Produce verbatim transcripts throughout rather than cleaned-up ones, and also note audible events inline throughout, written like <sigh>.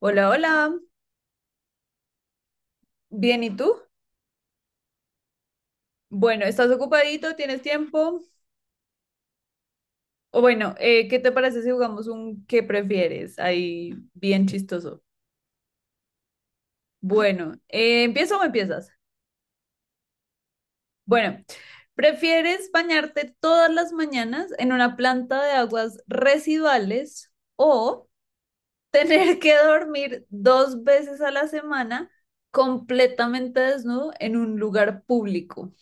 Hola, hola. Bien, ¿y tú? Bueno, ¿estás ocupadito? ¿Tienes tiempo? O bueno, eh, ¿qué te parece si jugamos un qué prefieres? Ahí, bien chistoso. Bueno, eh, ¿empiezo o empiezas? Bueno, ¿prefieres bañarte todas las mañanas en una planta de aguas residuales o tener que dormir dos veces a la semana completamente desnudo en un lugar público?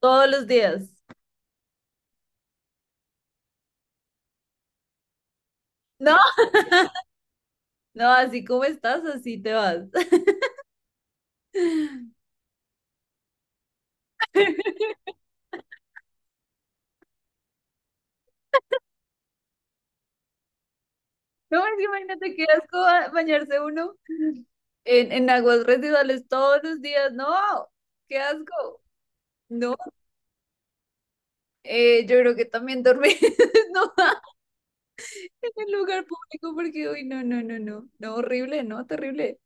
Todos los días. ¿No? <laughs> No, así como estás, así te vas. <laughs> No, es que imagínate qué asco ba- bañarse uno en, en aguas residuales todos los días. No, qué asco. No, eh, yo creo que también dormir <laughs> no, en el lugar público porque, uy, no, no, no, no, no, horrible, no, terrible.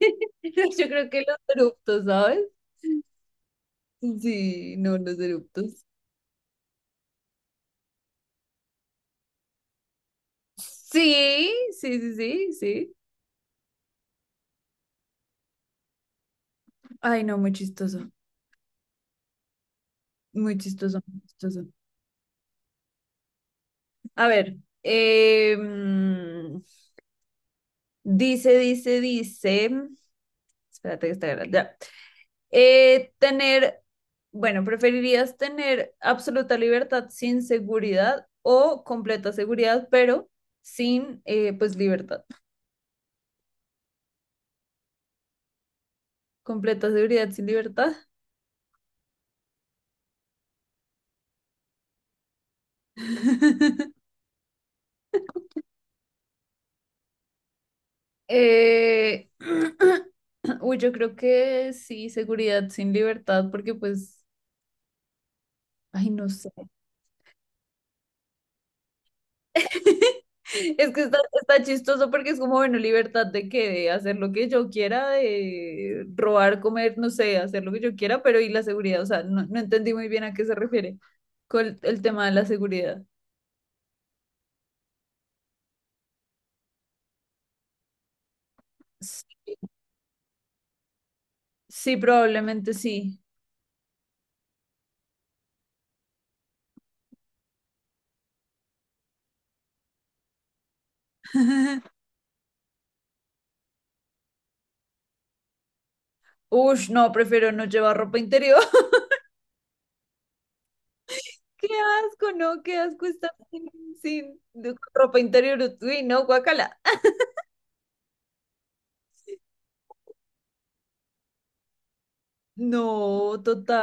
<laughs> Yo creo que los eruptos, ¿sabes? Sí, no, los eruptos. Sí, sí, sí, sí, sí. Ay, no, muy chistoso, muy chistoso, muy chistoso. A ver, em, dice, dice, dice, espérate que está grande, ya. Eh, tener, bueno, ¿preferirías tener absoluta libertad sin seguridad o completa seguridad, pero sin, eh, pues, libertad? Completa seguridad sin libertad. <laughs> Eh, <clears throat> uy, yo creo que sí, seguridad sin libertad, porque pues, ay, no sé. <laughs> Es que está, está chistoso porque es como, bueno, libertad de que de hacer lo que yo quiera, de robar, comer, no sé, hacer lo que yo quiera, pero y la seguridad, o sea, no, no entendí muy bien a qué se refiere con el, el tema de la seguridad. Sí, sí, probablemente sí. <laughs> Ush, no, prefiero no llevar ropa interior. <laughs> Qué asco, no, qué asco estar sin, sin ropa interior. Uy, no, guacala. No, total.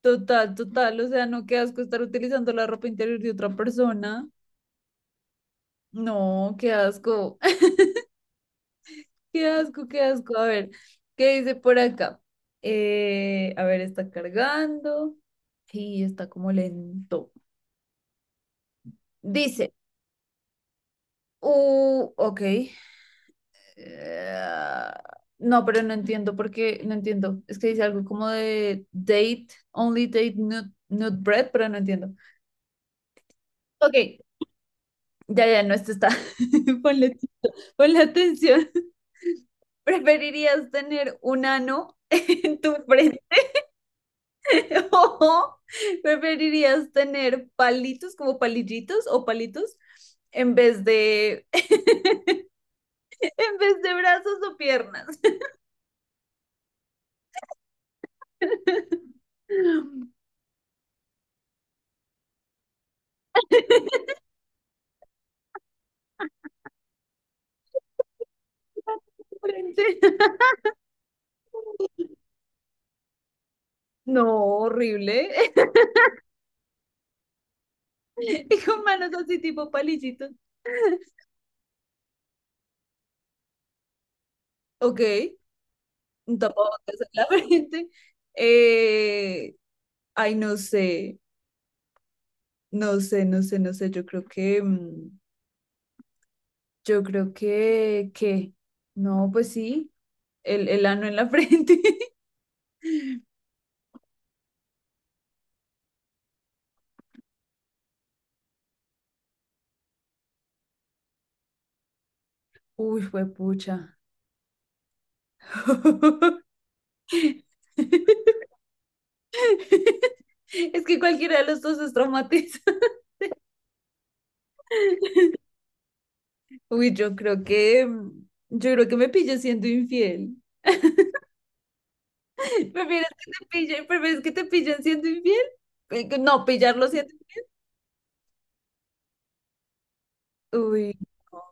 Total, total, o sea, no, qué asco estar utilizando la ropa interior de otra persona. No, qué asco, <laughs> qué asco, qué asco. A ver, ¿qué dice por acá? Eh, a ver, está cargando y está como lento. Dice, uh, ok. eh, no, pero no entiendo porque no entiendo. Es que dice algo como de date, only date, not, not bread, pero no entiendo. Ok, ya, ya, no, esto está. <laughs> Ponle, atención- ponle atención. ¿Preferirías tener un ano <laughs> en tu frente <laughs> o preferirías tener palitos como palillitos o palitos en vez de <laughs> en vez de brazos o piernas? <laughs> Frente. No, horrible. <laughs> Y con manos así tipo palillitos. Ok, un tapabocas en la <laughs> frente. Eh, ay, no sé, no sé, no sé, no sé. Yo creo que, mm, yo creo que, que, no, pues sí, el, el ano en la frente. <laughs> Uy, fue pucha. <laughs> Es que cualquiera de los dos es traumatiza. <laughs> Uy, yo creo que, mm, yo creo que me pillo siendo infiel. <laughs> ¿Prefieres que te pillen, prefieres que te pillen siendo infiel? Eh, que No, pillarlo siendo infiel. Uy. No.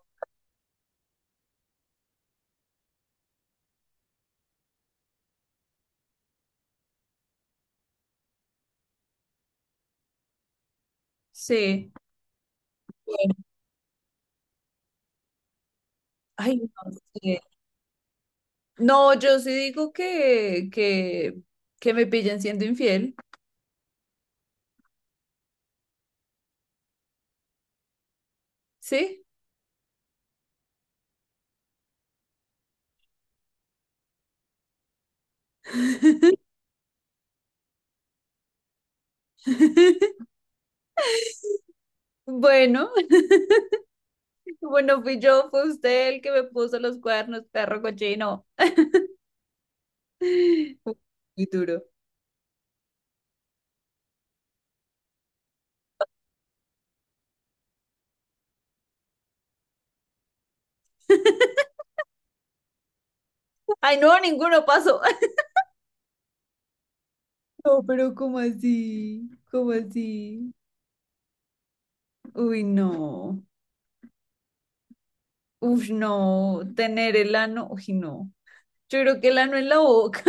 Sí, bueno, ay, no sé. No, yo sí digo que, que, que me pillen siendo infiel, ¿sí? <laughs> Bueno, <laughs> bueno, fui yo, fue usted el que me puso los cuernos, perro cochino. <laughs> Muy duro. Ay, no, ninguno pasó. <laughs> No, pero ¿cómo así? ¿Cómo así? Uy, no. Uf, no. Tener el ano, uy, no. Yo creo que el ano en la boca.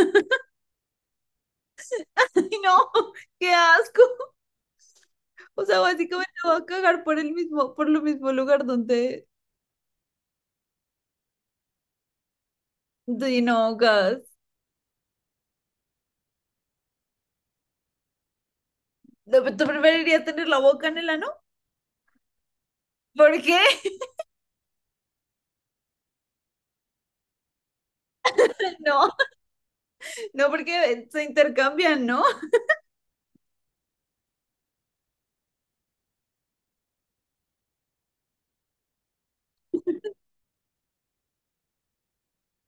<laughs> Ay, no, qué asco. O sea, básicamente va a cagar por el mismo, por lo mismo lugar donde, donde no gas. ¿Tú preferirías tener la boca en el ano? ¿Por qué? <laughs> No, no, porque se intercambian, ¿no?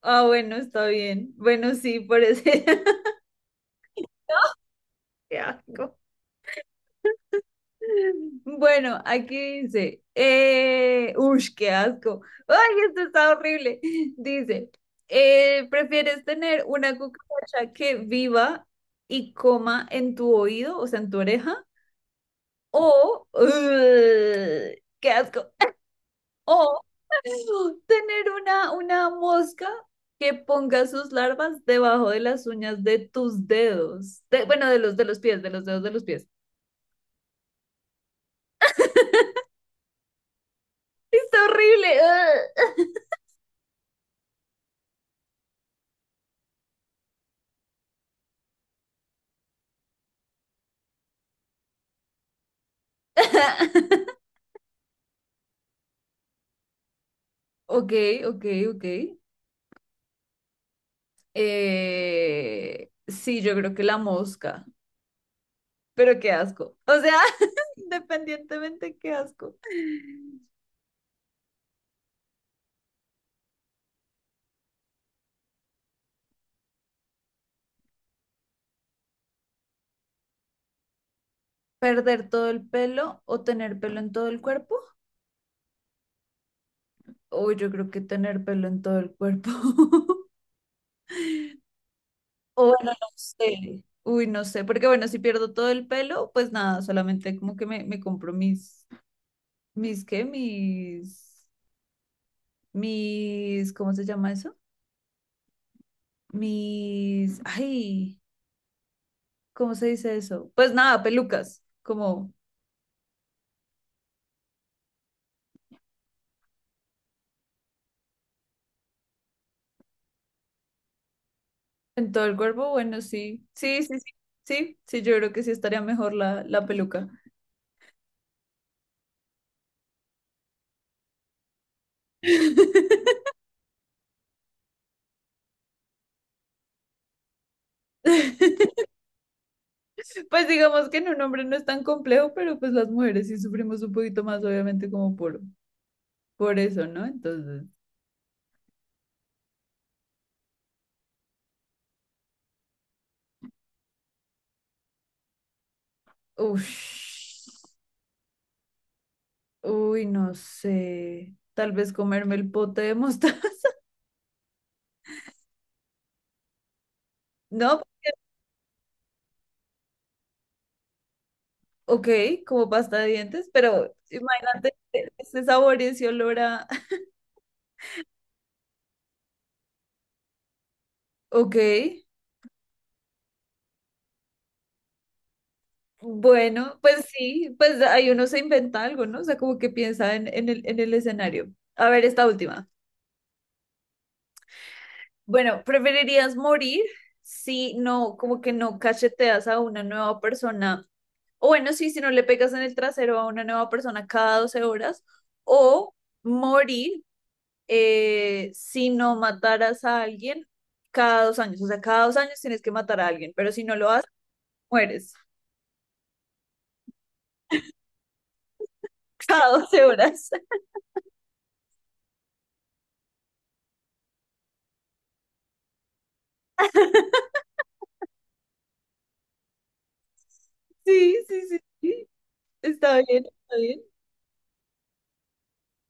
Ah, bueno, está bien. Bueno, sí, por ese. <laughs> Qué asco. Bueno, aquí dice, eh, uy, qué asco. Ay, esto está horrible. Dice, eh, ¿prefieres tener una cucaracha que viva y coma en tu oído, o sea, en tu oreja? O, ugh, qué asco. O tener una, una mosca que ponga sus larvas debajo de las uñas de tus dedos. De- bueno, de los de los pies, de los dedos de los pies. Está horrible. Ugh. <laughs> Ok, ok, ok. Eh, sí, yo creo que la mosca, pero qué asco. O sea, <laughs> independientemente, qué asco. ¿Perder todo el pelo o tener pelo en todo el cuerpo? Uy, yo creo que tener pelo en todo el cuerpo. <laughs> O bueno, no sé. Uy, no sé, porque bueno, si pierdo todo el pelo, pues nada, solamente como que me, me compro mis, mis, ¿qué? Mis, mis, ¿cómo se llama eso? Mis, ay. ¿Cómo se dice eso? Pues nada, pelucas, como en todo el cuerpo, bueno, sí, sí, sí, sí, sí, sí, yo creo que sí estaría mejor la, la peluca. <laughs> Pues digamos que en un hombre no es tan complejo, pero pues las mujeres sí sufrimos un poquito más, obviamente, como por, por eso, ¿no? Entonces, uff, uy, no sé, tal vez comerme el pote de mostaza, <laughs> ¿no? Porque, ok, como pasta de dientes, pero imagínate ese sabor y ese olor a... <laughs> Ok, bueno, pues sí, pues ahí uno se inventa algo, ¿no? O sea, como que piensa en, en el, en el escenario. A ver, esta última. Bueno, ¿preferirías morir si no, como que no cacheteas a una nueva persona? O bueno, sí, si no le pegas en el trasero a una nueva persona cada doce horas. O morir eh, si no mataras a alguien cada dos años. O sea, cada dos años tienes que matar a alguien, pero si no lo haces, mueres <laughs> cada doce horas. <laughs> Sí, sí, sí. sí. Está bien, está bien.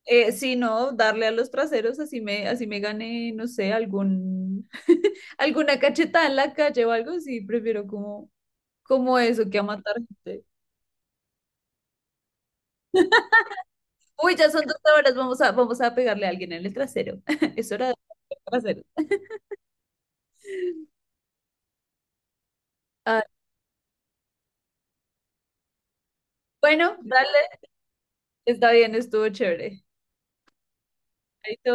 Eh, si no, darle a los traseros, así me, así me gane, no sé, algún, <laughs> alguna cachetada en la calle o algo, sí, prefiero como, como eso que a matar gente. <laughs> Uy, ya son dos horas, vamos a, vamos a pegarle a alguien en el trasero. <laughs> Es hora de pegarle en el trasero. <laughs> Ah, bueno, dale, está bien, estuvo chévere. Chaito.